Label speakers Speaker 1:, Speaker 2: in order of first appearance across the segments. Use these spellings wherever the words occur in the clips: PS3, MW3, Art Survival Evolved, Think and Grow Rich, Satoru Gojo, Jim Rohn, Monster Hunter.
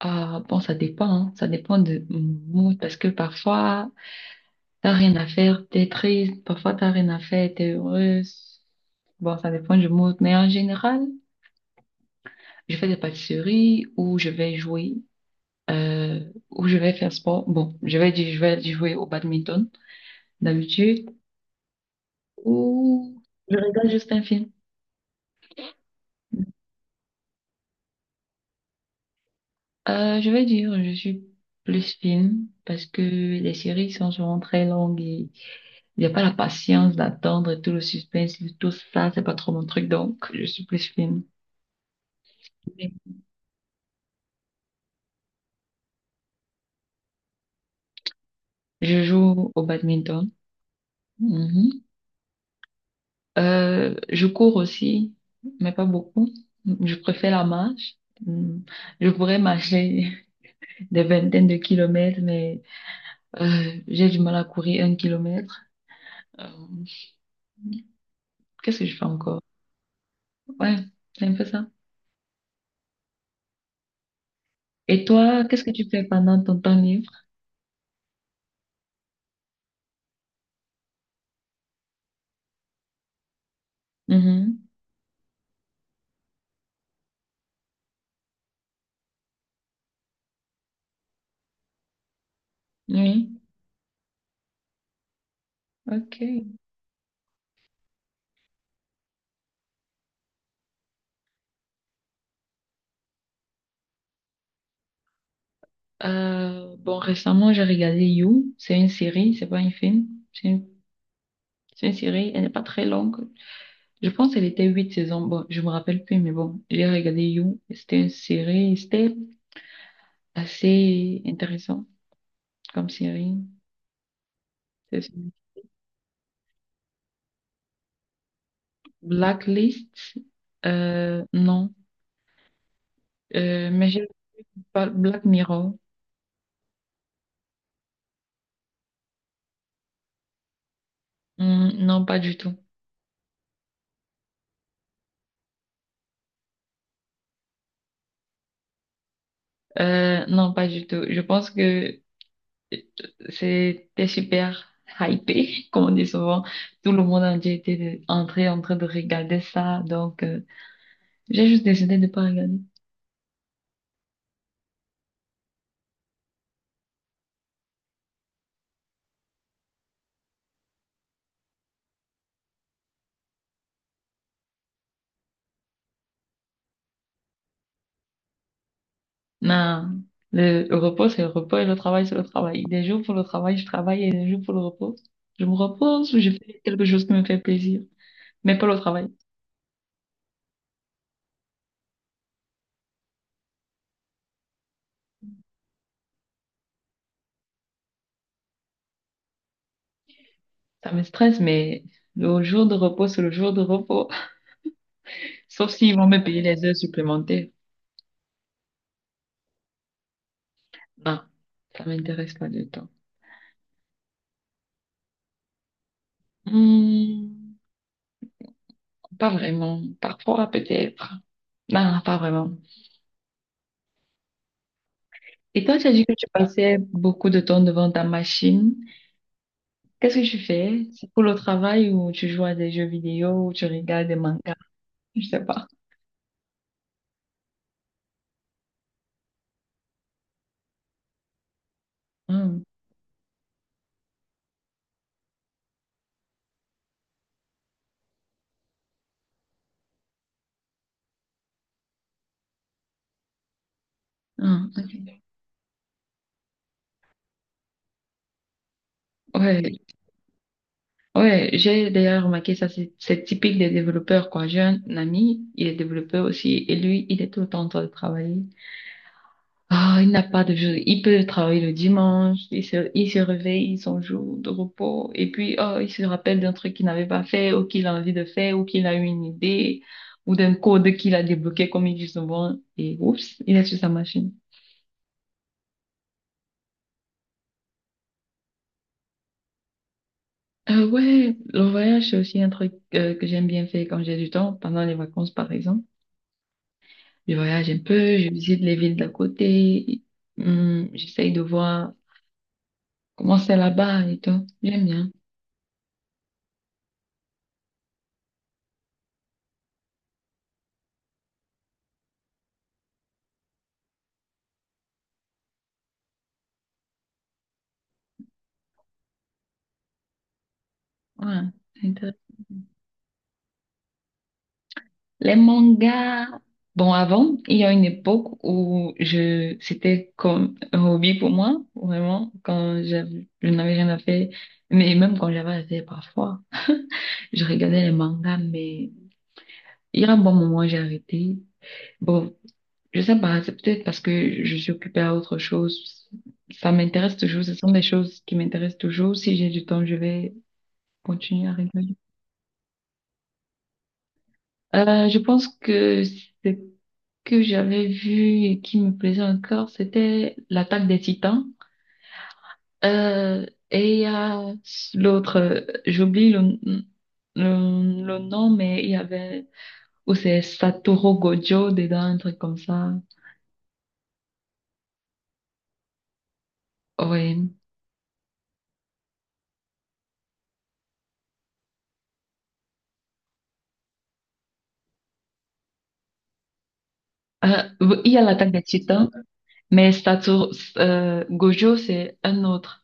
Speaker 1: Ah, bon, ça dépend, hein. Ça dépend de mon mood parce que parfois, t'as rien à faire, t'es triste, parfois t'as rien à faire, t'es heureuse. Bon, ça dépend du mood, mais en général, je fais des pâtisseries ou je vais jouer, euh, ou je vais faire sport. Bon, je vais jouer au badminton d'habitude ou je regarde juste un film. Je vais dire, je suis plus film parce que les séries sont souvent très longues et il n'y a pas la patience d'attendre tout le suspense, tout ça, c'est pas trop mon truc, donc je suis plus fine. Je joue au badminton. Mhm. Je cours aussi, mais pas beaucoup. Je préfère la marche. Mm. Je pourrais marcher des vingtaines de kilomètres, mais j'ai du mal à courir un kilomètre. Euh, qu'est-ce que je fais encore? Ouais, c'est un peu ça. Et toi, qu'est-ce que tu fais pendant ton temps libre? Mhm. Oui, ok. Bon, récemment, j'ai regardé You. C'est une série, c'est pas un film. C'est une, c'est une série, elle n'est pas très longue. Je pense qu'elle était huit saisons. Bon, je me rappelle plus, mais bon, j'ai regardé You. C'était une série, c'était assez intéressant comme série. C'est- Blacklist, non. Mais je parle Black Mirror. Hmm, non, pas du tout. Non, pas du tout. Je pense que c'était super hypé, comme on dit souvent. Tout le monde entier était entré en train de regarder ça. Donc, j'ai juste décidé de ne pas regarder. Non, le repos, c'est le repos et le travail, c'est le travail. Des jours pour le travail, je travaille et des jours pour le repos, je me repose ou je fais quelque chose qui me fait plaisir, mais pas le travail. Ça me stresse, mais le jour de repos, c'est le jour de repos. Sauf s'ils vont me payer les heures supplémentaires. Non, ça m'intéresse pas du tout. Hmm, pas vraiment. Parfois, peut-être. Non, pas vraiment. Et toi, tu as dit que tu passais beaucoup de temps devant ta machine. Qu'est-ce que tu fais? C'est pour le travail ou tu joues à des jeux vidéo ou tu regardes des mangas? Je sais pas. Hmm, hmm, ok. Ouais, ouais, j'ai d'ailleurs remarqué ça, c'est typique des développeurs, quoi. J'ai un ami, il est développeur aussi, et lui, il est tout le temps en train de travailler. Ah, il n'a pas de jour. Il peut travailler le dimanche, il se réveille, son jour de repos, et puis oh, il se rappelle d'un truc qu'il n'avait pas fait, ou qu'il a envie de faire, ou qu'il a eu une idée, ou d'un code qu'il a débloqué, comme il dit souvent, et oups, il est sur sa machine. Ouais, le voyage, c'est aussi un truc que j'aime bien faire quand j'ai du temps, pendant les vacances, par exemple. Je voyage un peu, je visite les villes d'à côté, j'essaye de voir comment c'est là-bas et tout. J'aime bien. Ouais, c'est intéressant. Les mangas, bon, avant, il y a une époque où c'était comme un hobby pour moi, vraiment, je n'avais rien à faire, mais même quand j'avais à faire parfois, je regardais les mangas, mais il y a un bon moment, j'ai arrêté. Bon, je sais pas, c'est peut-être parce que je suis occupée à autre chose. Ça m'intéresse toujours, ce sont des choses qui m'intéressent toujours. Si j'ai du temps, je vais continuer à regarder. Je pense que c'est que j'avais vu et qui me plaisait encore, c'était l'attaque des Titans. Euh, et il y a l'autre, j'oublie le nom, mais il y avait, ou c'est Satoru Gojo dedans, un truc comme ça. Oui. Euh, il y a l'attaque des Titans, mais Satoru, Gojo, c'est un autre.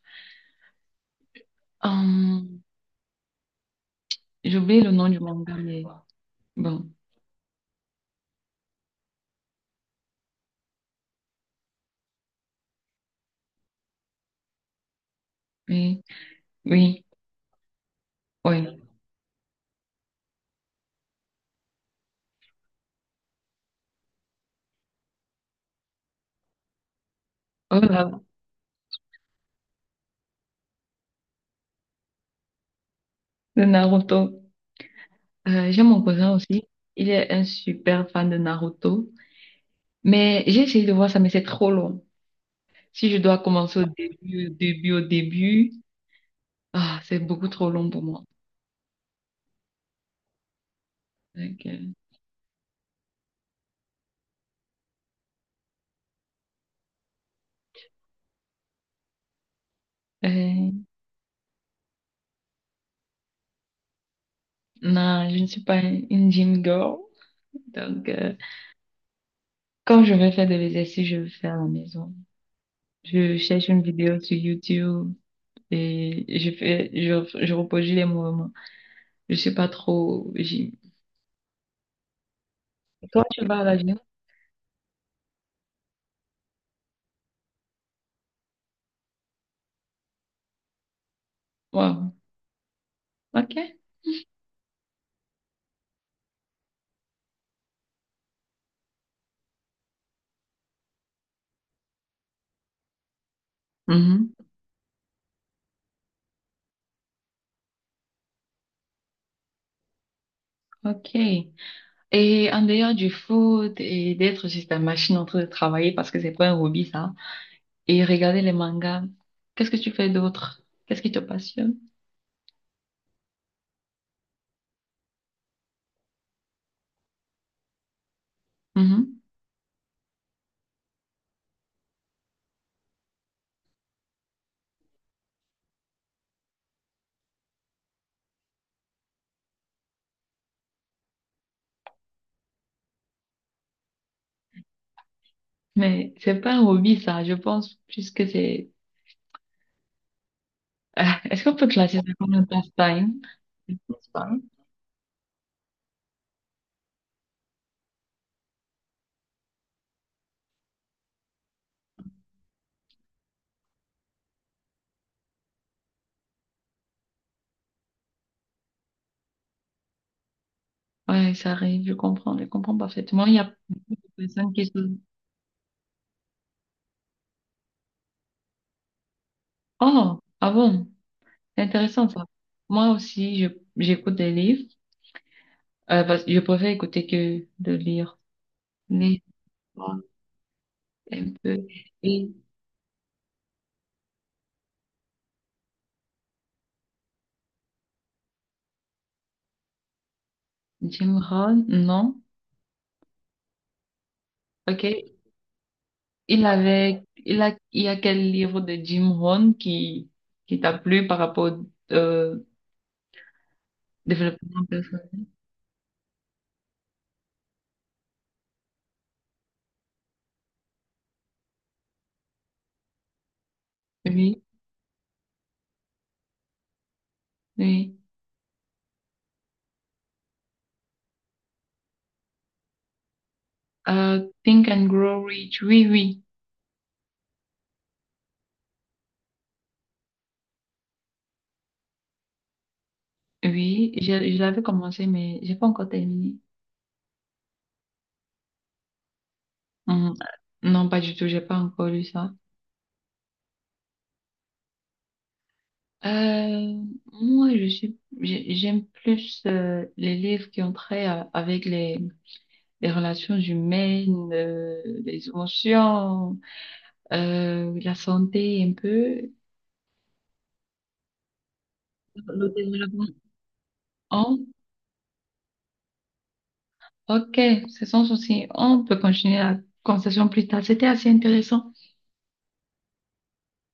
Speaker 1: Hum, j'oublie le nom du manga, mais bon. Oui, oui, oui. Voilà, le Naruto. J'ai mon cousin aussi. Il est un super fan de Naruto. Mais j'ai essayé de voir ça, mais c'est trop long. Si je dois commencer au début, au début, au début, ah, c'est beaucoup trop long pour moi. Donc, euh, non, je ne suis pas une gym girl. Donc, quand je vais faire de l'exercice, je le fais à la maison. Je cherche une vidéo sur YouTube et je reproduis les mouvements. Je suis pas trop gym. Toi, tu vas à la gym? Wow. OK. Mhm. OK. Et en dehors du foot et d'être juste la machine en train de travailler parce que c'est pas un hobby ça. Et regarder les mangas. Qu'est-ce que tu fais d'autre? Qu'est-ce qui te passionne? Mhm. Mais c'est pas un hobby ça. Je pense plus que c'est. Ah, est-ce qu'on peut classer ça comme un passe-time? Hein. Ouais, ça arrive. Je comprends. Je comprends parfaitement. Il y a beaucoup de personnes qui sont. Oh, ah bon? C'est intéressant ça. Moi aussi, je j'écoute des livres. Parce que je préfère écouter que de lire. Mais bon, un peu. Et Jim Rohn? Non? Ok. Il y a quel livre de Jim Rohn qui t'a plu par rapport au euh, développement personnel? Oui, oui. Think and Grow Rich. Oui, oui, oui. Je l'avais commencé, mais j'ai pas encore terminé. Hum, non, pas du tout. J'ai pas encore lu ça. Euh, moi, j'aime plus les livres qui ont trait avec les relations humaines, les émotions. La santé un peu. Le développement. Oh, ok, c'est sans souci. On peut continuer la conversation plus tard. C'était assez intéressant.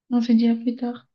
Speaker 1: On se dit à plus tard.